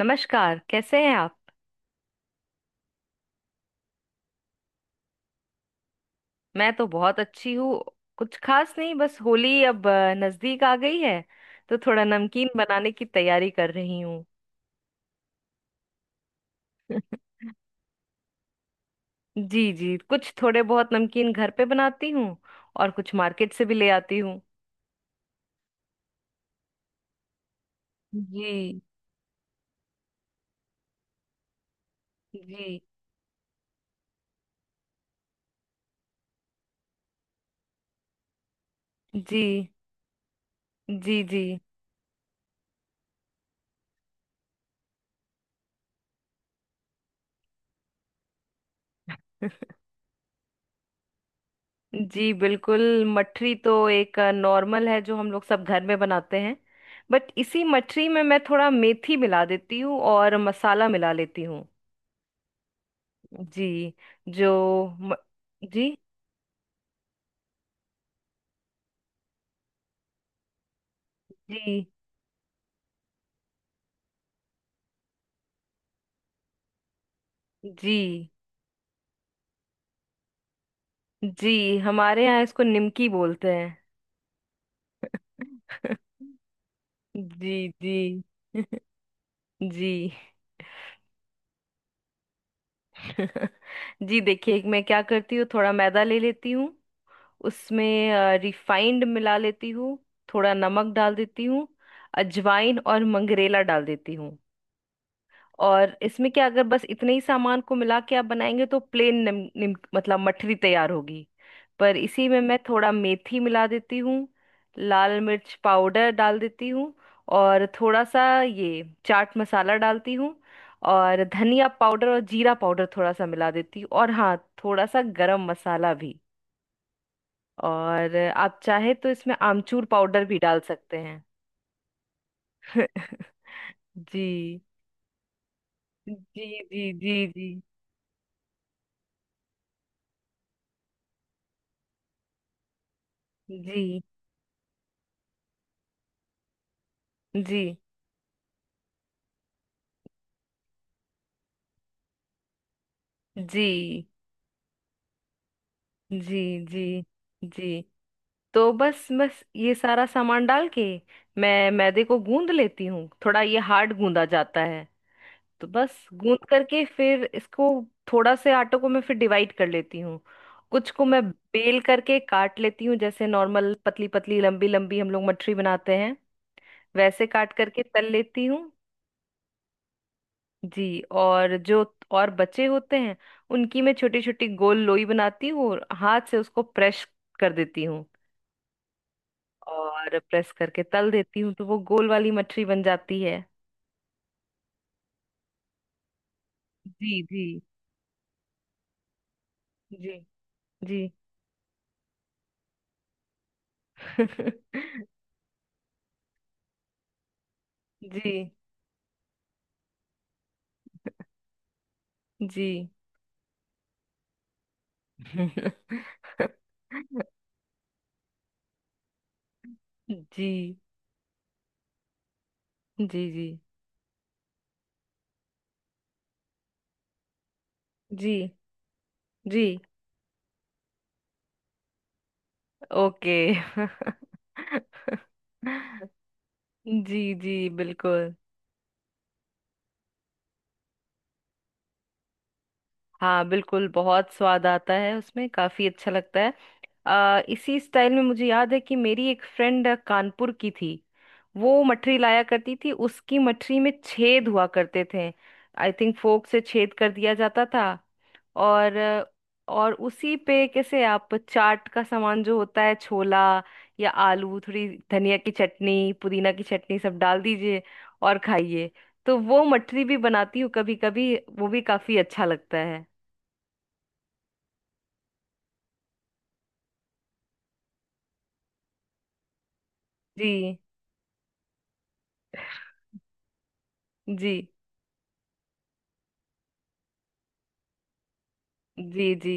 नमस्कार, कैसे हैं आप। मैं तो बहुत अच्छी हूँ। कुछ खास नहीं, बस होली अब नजदीक आ गई है, तो थोड़ा नमकीन बनाने की तैयारी कर रही हूँ। जी जी, कुछ थोड़े बहुत नमकीन घर पे बनाती हूँ और कुछ मार्केट से भी ले आती हूँ। जी। जी। जी। जी। जी जी, बिल्कुल। मठरी तो एक नॉर्मल है जो हम लोग सब घर में बनाते हैं, बट इसी मठरी में मैं थोड़ा मेथी मिला देती हूँ और मसाला मिला लेती हूँ। जी। जो म, जी जी। जी। जी, हमारे यहाँ इसको निमकी बोलते हैं। जी जी। जी। जी, देखिए, मैं क्या करती हूँ, थोड़ा मैदा ले लेती हूँ, उसमें रिफाइंड मिला लेती हूँ। थोड़ा नमक डाल देती हूँ। अजवाइन और मंगरेला डाल देती हूँ। और इसमें क्या, अगर बस इतने ही सामान को मिला के आप बनाएंगे तो प्लेन निम, निम, मतलब मठरी तैयार होगी। पर इसी में मैं थोड़ा मेथी मिला देती हूँ। लाल मिर्च पाउडर डाल देती हूँ। और थोड़ा सा ये चाट मसाला डालती हूँ। और धनिया पाउडर और जीरा पाउडर थोड़ा सा मिला देती हूँ, और हाँ, थोड़ा सा गरम मसाला भी। और आप चाहे तो इसमें आमचूर पाउडर भी डाल सकते हैं। जी। जी। जी। जी। जी। जी। जी। जी। जी। जी। जी। तो बस बस ये सारा सामान डाल के मैं मैदे को गूंद लेती हूँ, थोड़ा ये हार्ड गूंदा जाता है। तो बस गूंद करके फिर इसको थोड़ा से आटे को मैं फिर डिवाइड कर लेती हूँ। कुछ को मैं बेल करके काट लेती हूँ, जैसे नॉर्मल पतली पतली लंबी लंबी हम लोग मठरी बनाते हैं, वैसे काट करके तल लेती हूँ। जी। और जो, और बचे होते हैं, उनकी मैं छोटी छोटी गोल लोई बनाती हूँ और हाथ से उसको प्रेस कर देती हूँ। और प्रेस करके तल देती हूँ तो वो गोल वाली मठरी बन जाती है। जी। जी। जी। जी। जी जी। जी। जी। जी। जी। जी। ओके। जी जी, बिल्कुल। हाँ बिल्कुल, बहुत स्वाद आता है उसमें, काफी अच्छा लगता है। इसी स्टाइल में मुझे याद है कि मेरी एक फ्रेंड कानपुर की थी, वो मठरी लाया करती थी, उसकी मठरी में छेद हुआ करते थे। आई थिंक फोक से छेद कर दिया जाता था। और और उसी पे कैसे, आप चाट का सामान जो होता है, छोला या आलू, थोड़ी धनिया की चटनी, पुदीना की चटनी सब डाल दीजिए और खाइए। तो वो मठरी भी बनाती हूँ, कभी कभी, वो भी काफी अच्छा लगता है। जी। जी। जी। जी।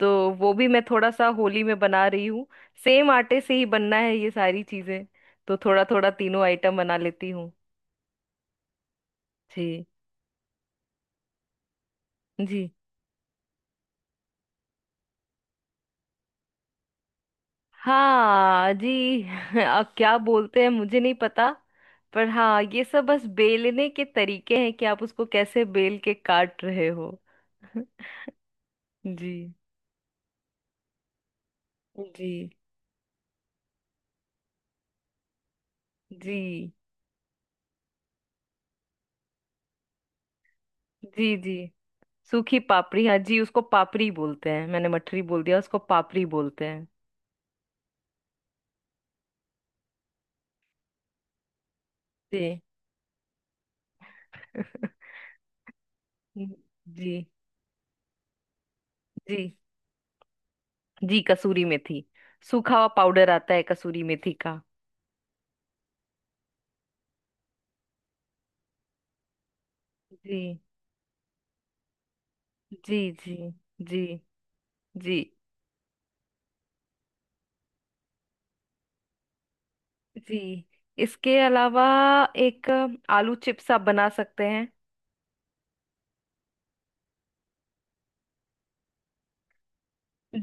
तो वो भी मैं थोड़ा सा होली में बना रही हूँ, सेम आटे से ही बनना है ये सारी चीजें, तो थोड़ा थोड़ा तीनों आइटम बना लेती हूँ। जी। जी। हाँ जी, अब क्या बोलते हैं मुझे नहीं पता, पर हाँ, ये सब बस बेलने के तरीके हैं कि आप उसको कैसे बेल के काट रहे हो। जी। जी। जी। जी। जी, सूखी पापड़ी, हाँ जी, उसको पापड़ी बोलते हैं, मैंने मठरी बोल दिया, उसको पापड़ी बोलते हैं। जी। जी। जी। जी कसूरी मेथी, सूखा हुआ पाउडर आता है कसूरी मेथी का। जी। जी। जी। जी। जी। जी। इसके अलावा एक आलू चिप्स आप बना सकते हैं।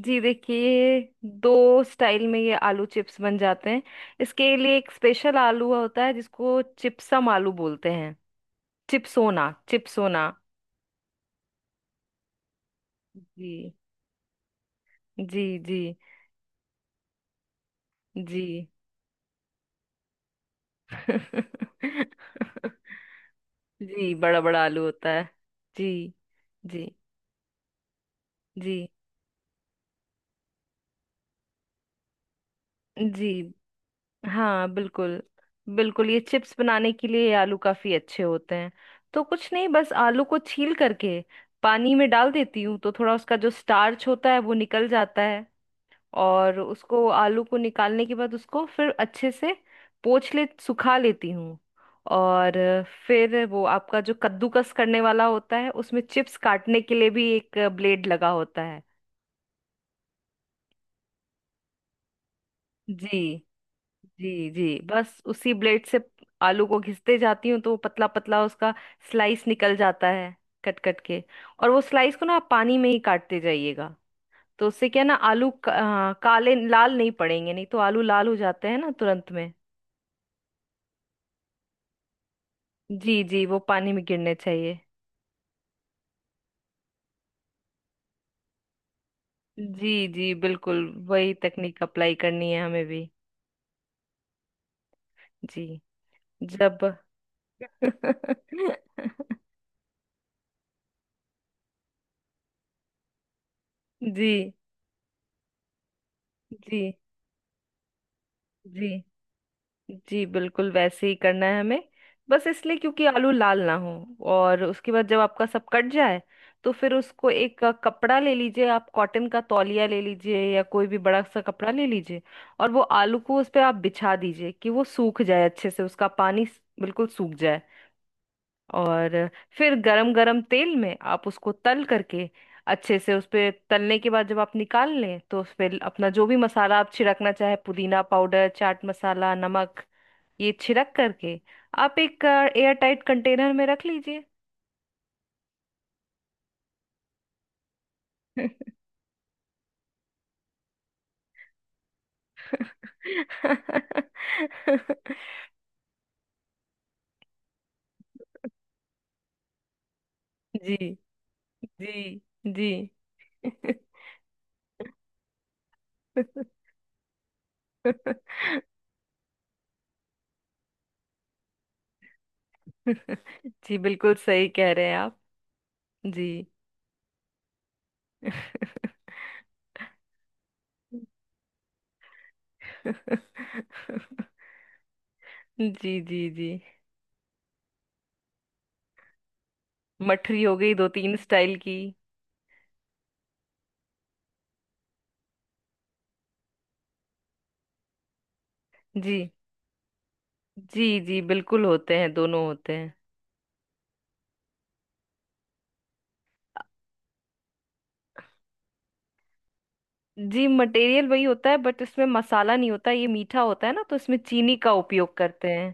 जी देखिए, दो स्टाइल में ये आलू चिप्स बन जाते हैं। इसके लिए एक स्पेशल आलू होता है जिसको चिप्सम आलू बोलते हैं। चिप्सोना चिप्सोना। जी। जी। जी। जी। जी, बड़ा बड़ा आलू होता है। जी। जी। जी। जी। हाँ बिल्कुल। बिल्कुल ये चिप्स बनाने के लिए ये आलू काफी अच्छे होते हैं। तो कुछ नहीं, बस आलू को छील करके पानी में डाल देती हूँ, तो थोड़ा उसका जो स्टार्च होता है वो निकल जाता है। और उसको, आलू को निकालने के बाद उसको फिर अच्छे से पोंछ ले, सुखा लेती हूँ। और फिर वो आपका जो कद्दूकस करने वाला होता है, उसमें चिप्स काटने के लिए भी एक ब्लेड लगा होता है। जी। जी। जी, बस उसी ब्लेड से आलू को घिसते जाती हूँ, तो वो पतला पतला उसका स्लाइस निकल जाता है, कट कट के। और वो स्लाइस को ना, आप पानी में ही काटते जाइएगा, तो उससे क्या है ना, आलू काले लाल नहीं पड़ेंगे, नहीं तो आलू लाल हो जाते हैं ना तुरंत में। जी जी, वो पानी में गिरने चाहिए। जी जी, बिल्कुल वही तकनीक अप्लाई करनी है हमें भी। जी। जब जी। जी। जी जी, बिल्कुल वैसे ही करना है हमें, बस इसलिए क्योंकि आलू लाल ना हो। और उसके बाद जब आपका सब कट जाए, तो फिर उसको एक कपड़ा ले लीजिए, आप कॉटन का तौलिया ले लीजिए या कोई भी बड़ा सा कपड़ा ले लीजिए। और वो आलू को उस पर आप बिछा दीजिए कि वो सूख जाए, अच्छे से उसका पानी बिल्कुल सूख जाए। और फिर गरम गरम तेल में आप उसको तल करके, अच्छे से उस पे तलने के बाद जब आप निकाल लें, तो उस पे अपना जो भी मसाला आप छिड़कना चाहे, पुदीना पाउडर, चाट मसाला, नमक, ये छिड़क करके आप एक एयर टाइट कंटेनर में रख लीजिए। जी। जी। जी। जी, बिल्कुल सही कह रहे हैं आप। जी। जी। जी। जी। मठरी हो गई दो तीन स्टाइल की। जी। जी। जी बिल्कुल, होते हैं, दोनों होते हैं। जी, मटेरियल वही होता है, बट इसमें मसाला नहीं होता, ये मीठा होता है ना, तो इसमें चीनी का उपयोग करते हैं।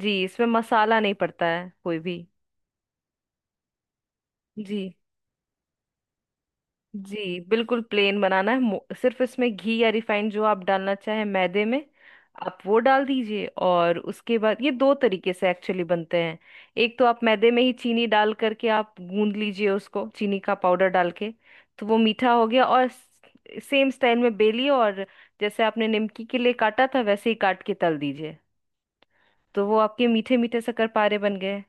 जी, इसमें मसाला नहीं पड़ता है कोई भी। जी जी, बिल्कुल प्लेन बनाना है, सिर्फ इसमें घी या रिफाइंड जो आप डालना चाहें मैदे में आप वो डाल दीजिए। और उसके बाद ये दो तरीके से एक्चुअली बनते हैं। एक तो आप मैदे में ही चीनी डाल करके आप गूंद लीजिए उसको, चीनी का पाउडर डाल के, तो वो मीठा हो गया। और सेम स्टाइल में बेलिए और जैसे आपने निमकी के लिए काटा था वैसे ही काट के तल दीजिए, तो वो आपके मीठे मीठे शक्करपारे बन गए।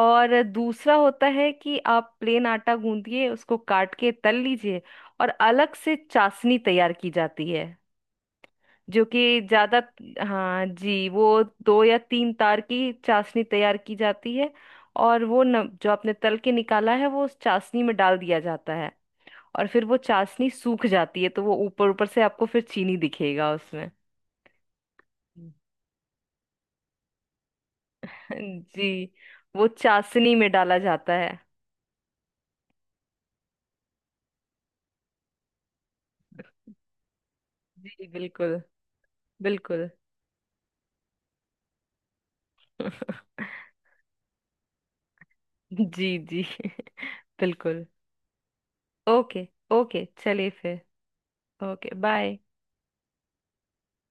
और दूसरा होता है कि आप प्लेन आटा गूंदिए, उसको काट के तल लीजिए और अलग से चाशनी तैयार की जाती है, जो कि ज्यादा, हाँ जी, वो दो या तीन तार की चाशनी तैयार की जाती है। और वो न, जो आपने तल के निकाला है वो उस चाशनी में डाल दिया जाता है। और फिर वो चाशनी सूख जाती है, तो वो ऊपर ऊपर से आपको फिर चीनी दिखेगा उसमें। जी, वो चाशनी में डाला जाता है। जी बिल्कुल। बिल्कुल। जी जी। बिल्कुल। ओके। ओके चलिए फिर। Okay bye.